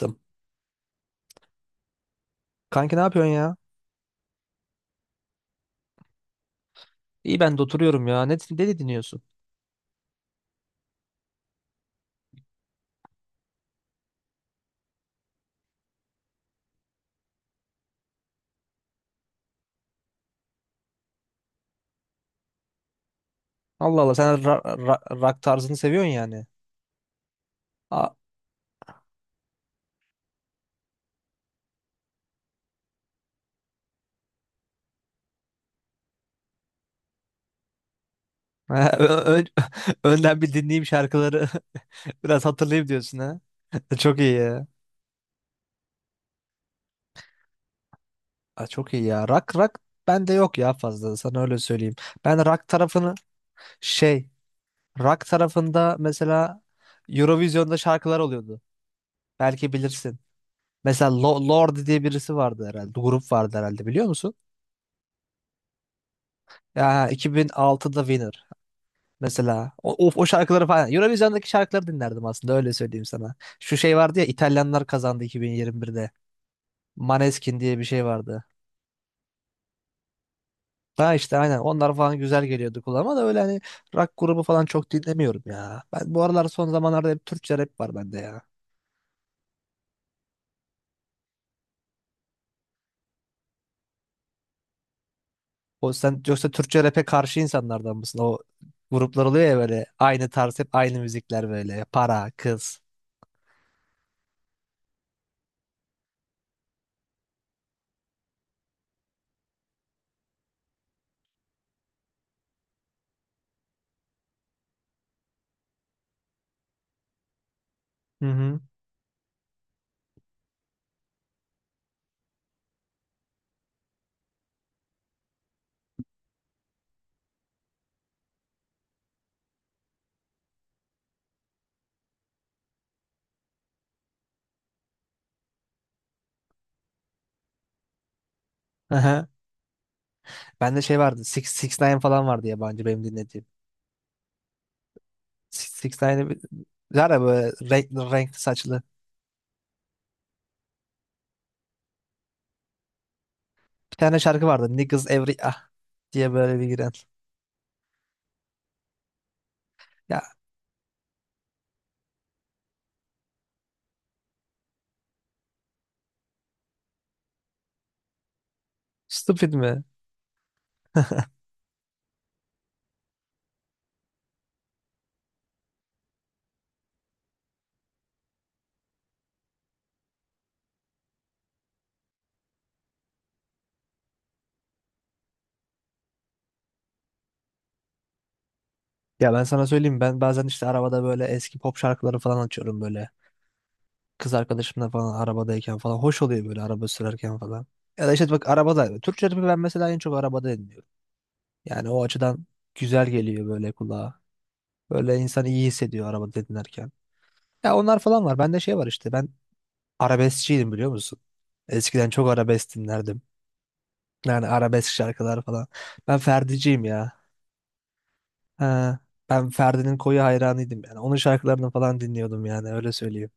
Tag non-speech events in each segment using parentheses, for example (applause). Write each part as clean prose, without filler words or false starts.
Yaptım. Kanki ne yapıyorsun ya? İyi ben de oturuyorum ya. Ne de dinliyorsun? Allah Allah sen rock tarzını seviyorsun yani. A- (laughs) Ö- ö- (laughs) önden bir dinleyeyim şarkıları (laughs) biraz hatırlayayım diyorsun ha. (laughs) Çok iyi ya. Aa, çok iyi ya. Rock rock bende yok ya fazla sana öyle söyleyeyim. Ben rock tarafını şey, rock tarafında mesela Eurovision'da şarkılar oluyordu. Belki bilirsin. Mesela Lorde diye birisi vardı herhalde. Grup vardı herhalde, biliyor musun? Ya 2006'da Winner. Mesela o şarkıları falan. Eurovision'daki şarkıları dinlerdim aslında, öyle söyleyeyim sana. Şu şey vardı ya, İtalyanlar kazandı 2021'de. Maneskin diye bir şey vardı. Ha işte aynen onlar falan güzel geliyordu kulağıma da, öyle hani rock grubu falan çok dinlemiyorum ya. Ben bu aralar son zamanlarda hep Türkçe rap var bende ya. O sen yoksa Türkçe rap'e karşı insanlardan mısın? O gruplar oluyor ya, böyle aynı tarz hep aynı müzikler böyle. Para, kız. Hı hı. Aha. Bende şey vardı. Six Nine falan vardı yabancı benim dinlediğim. Six Nine'ı bir- Var ya böyle renkli renkli saçlı. Bir tane şarkı vardı. Niggas Every Ah diye böyle bir giren. Ya stupid mi? Ya ben sana söyleyeyim, ben bazen işte arabada böyle eski pop şarkıları falan açıyorum böyle. Kız arkadaşımla falan arabadayken falan. Hoş oluyor böyle araba sürerken falan. Ya da işte bak, arabada. Türkçe rapi ben mesela en çok arabada dinliyorum. Yani o açıdan güzel geliyor böyle kulağa. Böyle insan iyi hissediyor arabada dinlerken. Ya onlar falan var. Bende şey var işte, ben arabeskçiydim, biliyor musun? Eskiden çok arabesk dinlerdim. Yani arabesk şarkılar falan. Ben Ferdi'ciyim ya. Ha, ben Ferdi'nin koyu hayranıydım yani. Onun şarkılarını falan dinliyordum yani, öyle söyleyeyim.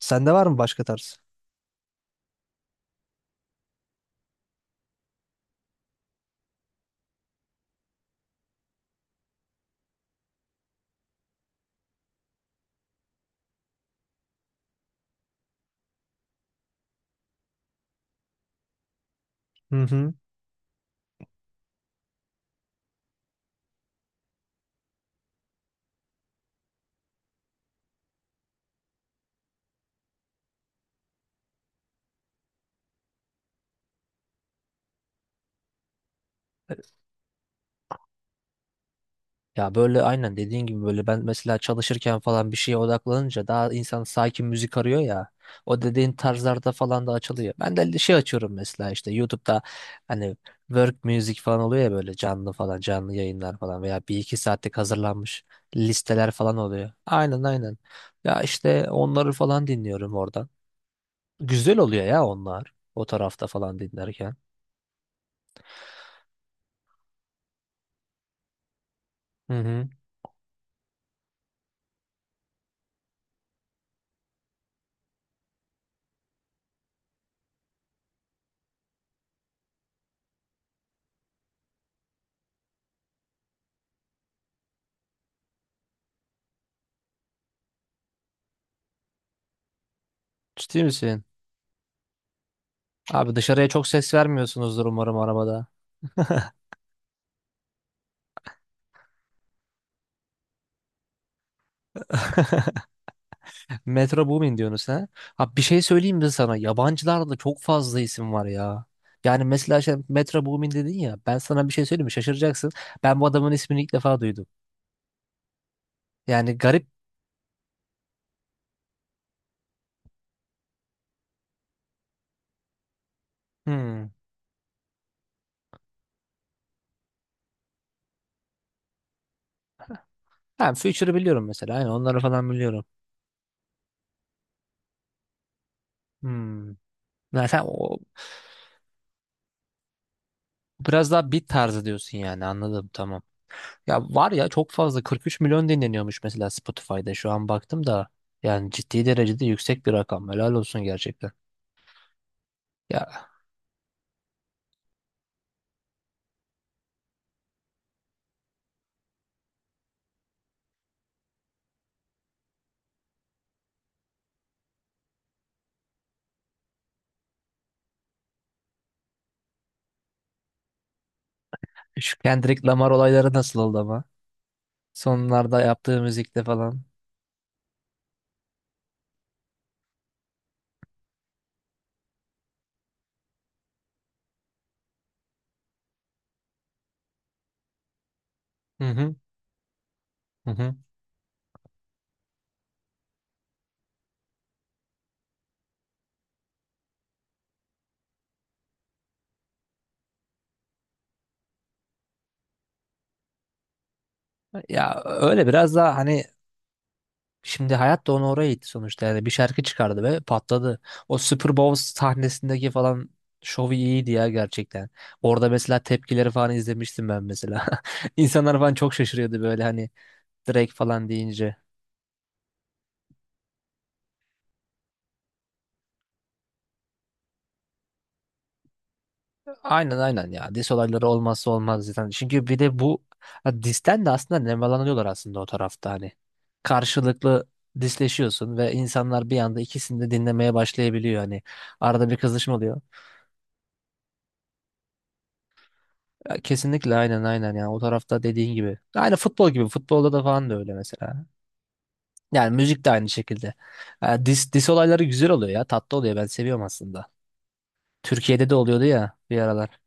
Sende var mı başka tarz? Hı hı. Ya böyle aynen dediğin gibi, böyle ben mesela çalışırken falan bir şeye odaklanınca daha insan sakin müzik arıyor ya. O dediğin tarzlarda falan da açılıyor. Ben de şey açıyorum mesela işte YouTube'da, hani work music falan oluyor ya böyle, canlı falan canlı yayınlar falan veya bir iki saatlik hazırlanmış listeler falan oluyor. Aynen aynen. Ya işte onları falan dinliyorum oradan. Güzel oluyor ya onlar, o tarafta falan dinlerken. Hı hı. Ciddi misin? Abi dışarıya çok ses vermiyorsunuzdur umarım arabada. (laughs) Metro Boomin diyorsunuz ha? Ha bir şey söyleyeyim mi sana? Yabancılarda çok fazla isim var ya. Yani mesela şey, Metro Boomin dedin ya. Ben sana bir şey söyleyeyim mi? Şaşıracaksın. Ben bu adamın ismini ilk defa duydum. Yani garip. Hmm. Ha, Future'ı biliyorum mesela. Aynen onları falan biliyorum. Hmm. Yani sen o biraz daha beat tarzı diyorsun yani, anladım tamam. Ya var ya, çok fazla 43 milyon dinleniyormuş mesela Spotify'da, şu an baktım da. Yani ciddi derecede yüksek bir rakam. Helal olsun gerçekten. Ya şu Kendrick Lamar olayları nasıl oldu ama? Sonlarda yaptığı müzikte falan. Hı hı. Hı hı. Ya öyle, biraz daha hani şimdi hayat da onu oraya itti sonuçta. Yani bir şarkı çıkardı ve patladı. O Super Bowl sahnesindeki falan şovu iyiydi ya gerçekten. Orada mesela tepkileri falan izlemiştim ben mesela. (laughs) İnsanlar falan çok şaşırıyordu böyle, hani Drake falan deyince. Aynen aynen ya. Dis olayları olmazsa olmaz zaten. Çünkü bir de bu ha, disten de aslında nemalanıyorlar aslında o tarafta hani. Karşılıklı disleşiyorsun ve insanlar bir anda ikisini de dinlemeye başlayabiliyor hani. Arada bir kızışma oluyor. Ya, kesinlikle aynen aynen ya. O tarafta dediğin gibi. Aynı futbol gibi. Futbolda da falan da öyle mesela. Yani müzik de aynı şekilde. Ha, dis olayları güzel oluyor ya. Tatlı oluyor. Ben seviyorum aslında. Türkiye'de de oluyordu ya bir aralar.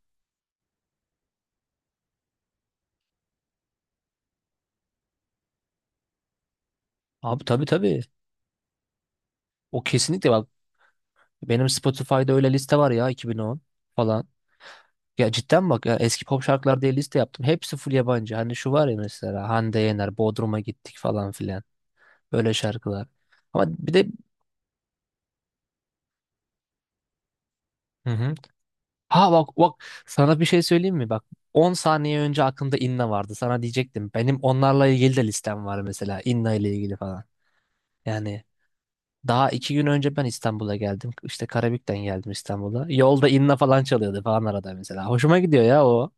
Abi tabii tabii. O kesinlikle bak, benim Spotify'da öyle liste var ya, 2010 falan. Ya cidden bak ya, eski pop şarkılar diye liste yaptım. Hepsi full yabancı. Hani şu var ya mesela Hande Yener, Bodrum'a gittik falan filan. Böyle şarkılar. Ama bir de. Hı hı. Ha bak bak, sana bir şey söyleyeyim mi? Bak, 10 saniye önce aklımda Inna vardı. Sana diyecektim. Benim onlarla ilgili de listem var mesela. Inna ile ilgili falan. Yani daha 2 gün önce ben İstanbul'a geldim. İşte Karabük'ten geldim İstanbul'a. Yolda Inna falan çalıyordu falan arada mesela. Hoşuma gidiyor ya,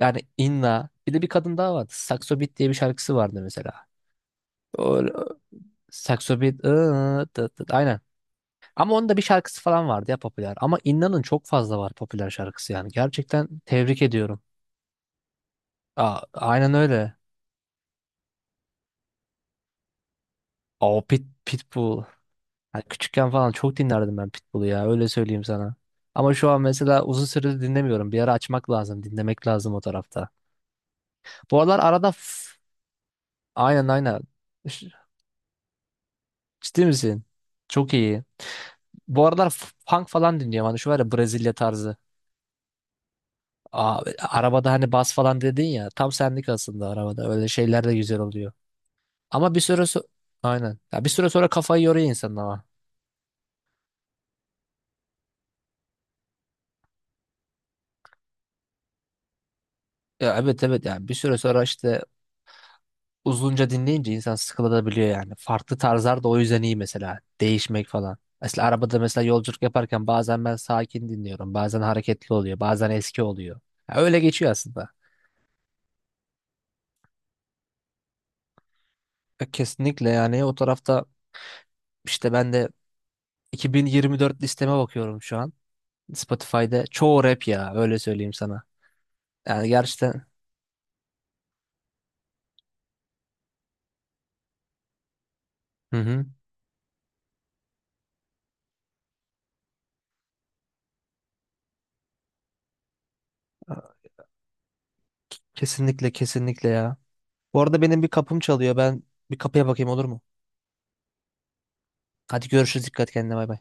yani Inna. Bir de bir kadın daha vardı. Saxo Beat diye bir şarkısı vardı mesela. O, Saxo Beat. Tıt tıt, aynen. Ama onun da bir şarkısı falan vardı ya popüler. Ama Inna'nın çok fazla var popüler şarkısı yani. Gerçekten tebrik ediyorum. Aa, aynen öyle. O Pitbull. Yani küçükken falan çok dinlerdim ben Pitbull'u ya. Öyle söyleyeyim sana. Ama şu an mesela uzun süredir dinlemiyorum. Bir ara açmak lazım. Dinlemek lazım o tarafta. Bu aralar arada. Aynen aynen. Ciddi misin? Çok iyi. Bu aralar funk falan dinliyorum. Hani şu var ya, Brezilya tarzı. Aa, arabada hani bas falan dedin ya. Tam senlik aslında arabada. Öyle şeyler de güzel oluyor. Ama bir süre aynen. Ya bir süre sonra kafayı yoruyor insan ama. Ya evet evet, yani bir süre sonra işte uzunca dinleyince insan sıkılabiliyor yani. Farklı tarzlar da o yüzden iyi mesela. Değişmek falan. Mesela arabada mesela yolculuk yaparken bazen ben sakin dinliyorum. Bazen hareketli oluyor. Bazen eski oluyor. Ya öyle geçiyor aslında. Ya kesinlikle yani o tarafta işte ben de 2024 listeme bakıyorum şu an. Spotify'da çoğu rap ya, öyle söyleyeyim sana. Yani gerçekten. Hı hı. Kesinlikle kesinlikle ya. Bu arada benim bir kapım çalıyor. Ben bir kapıya bakayım, olur mu? Hadi görüşürüz. Dikkat kendine, bay bay.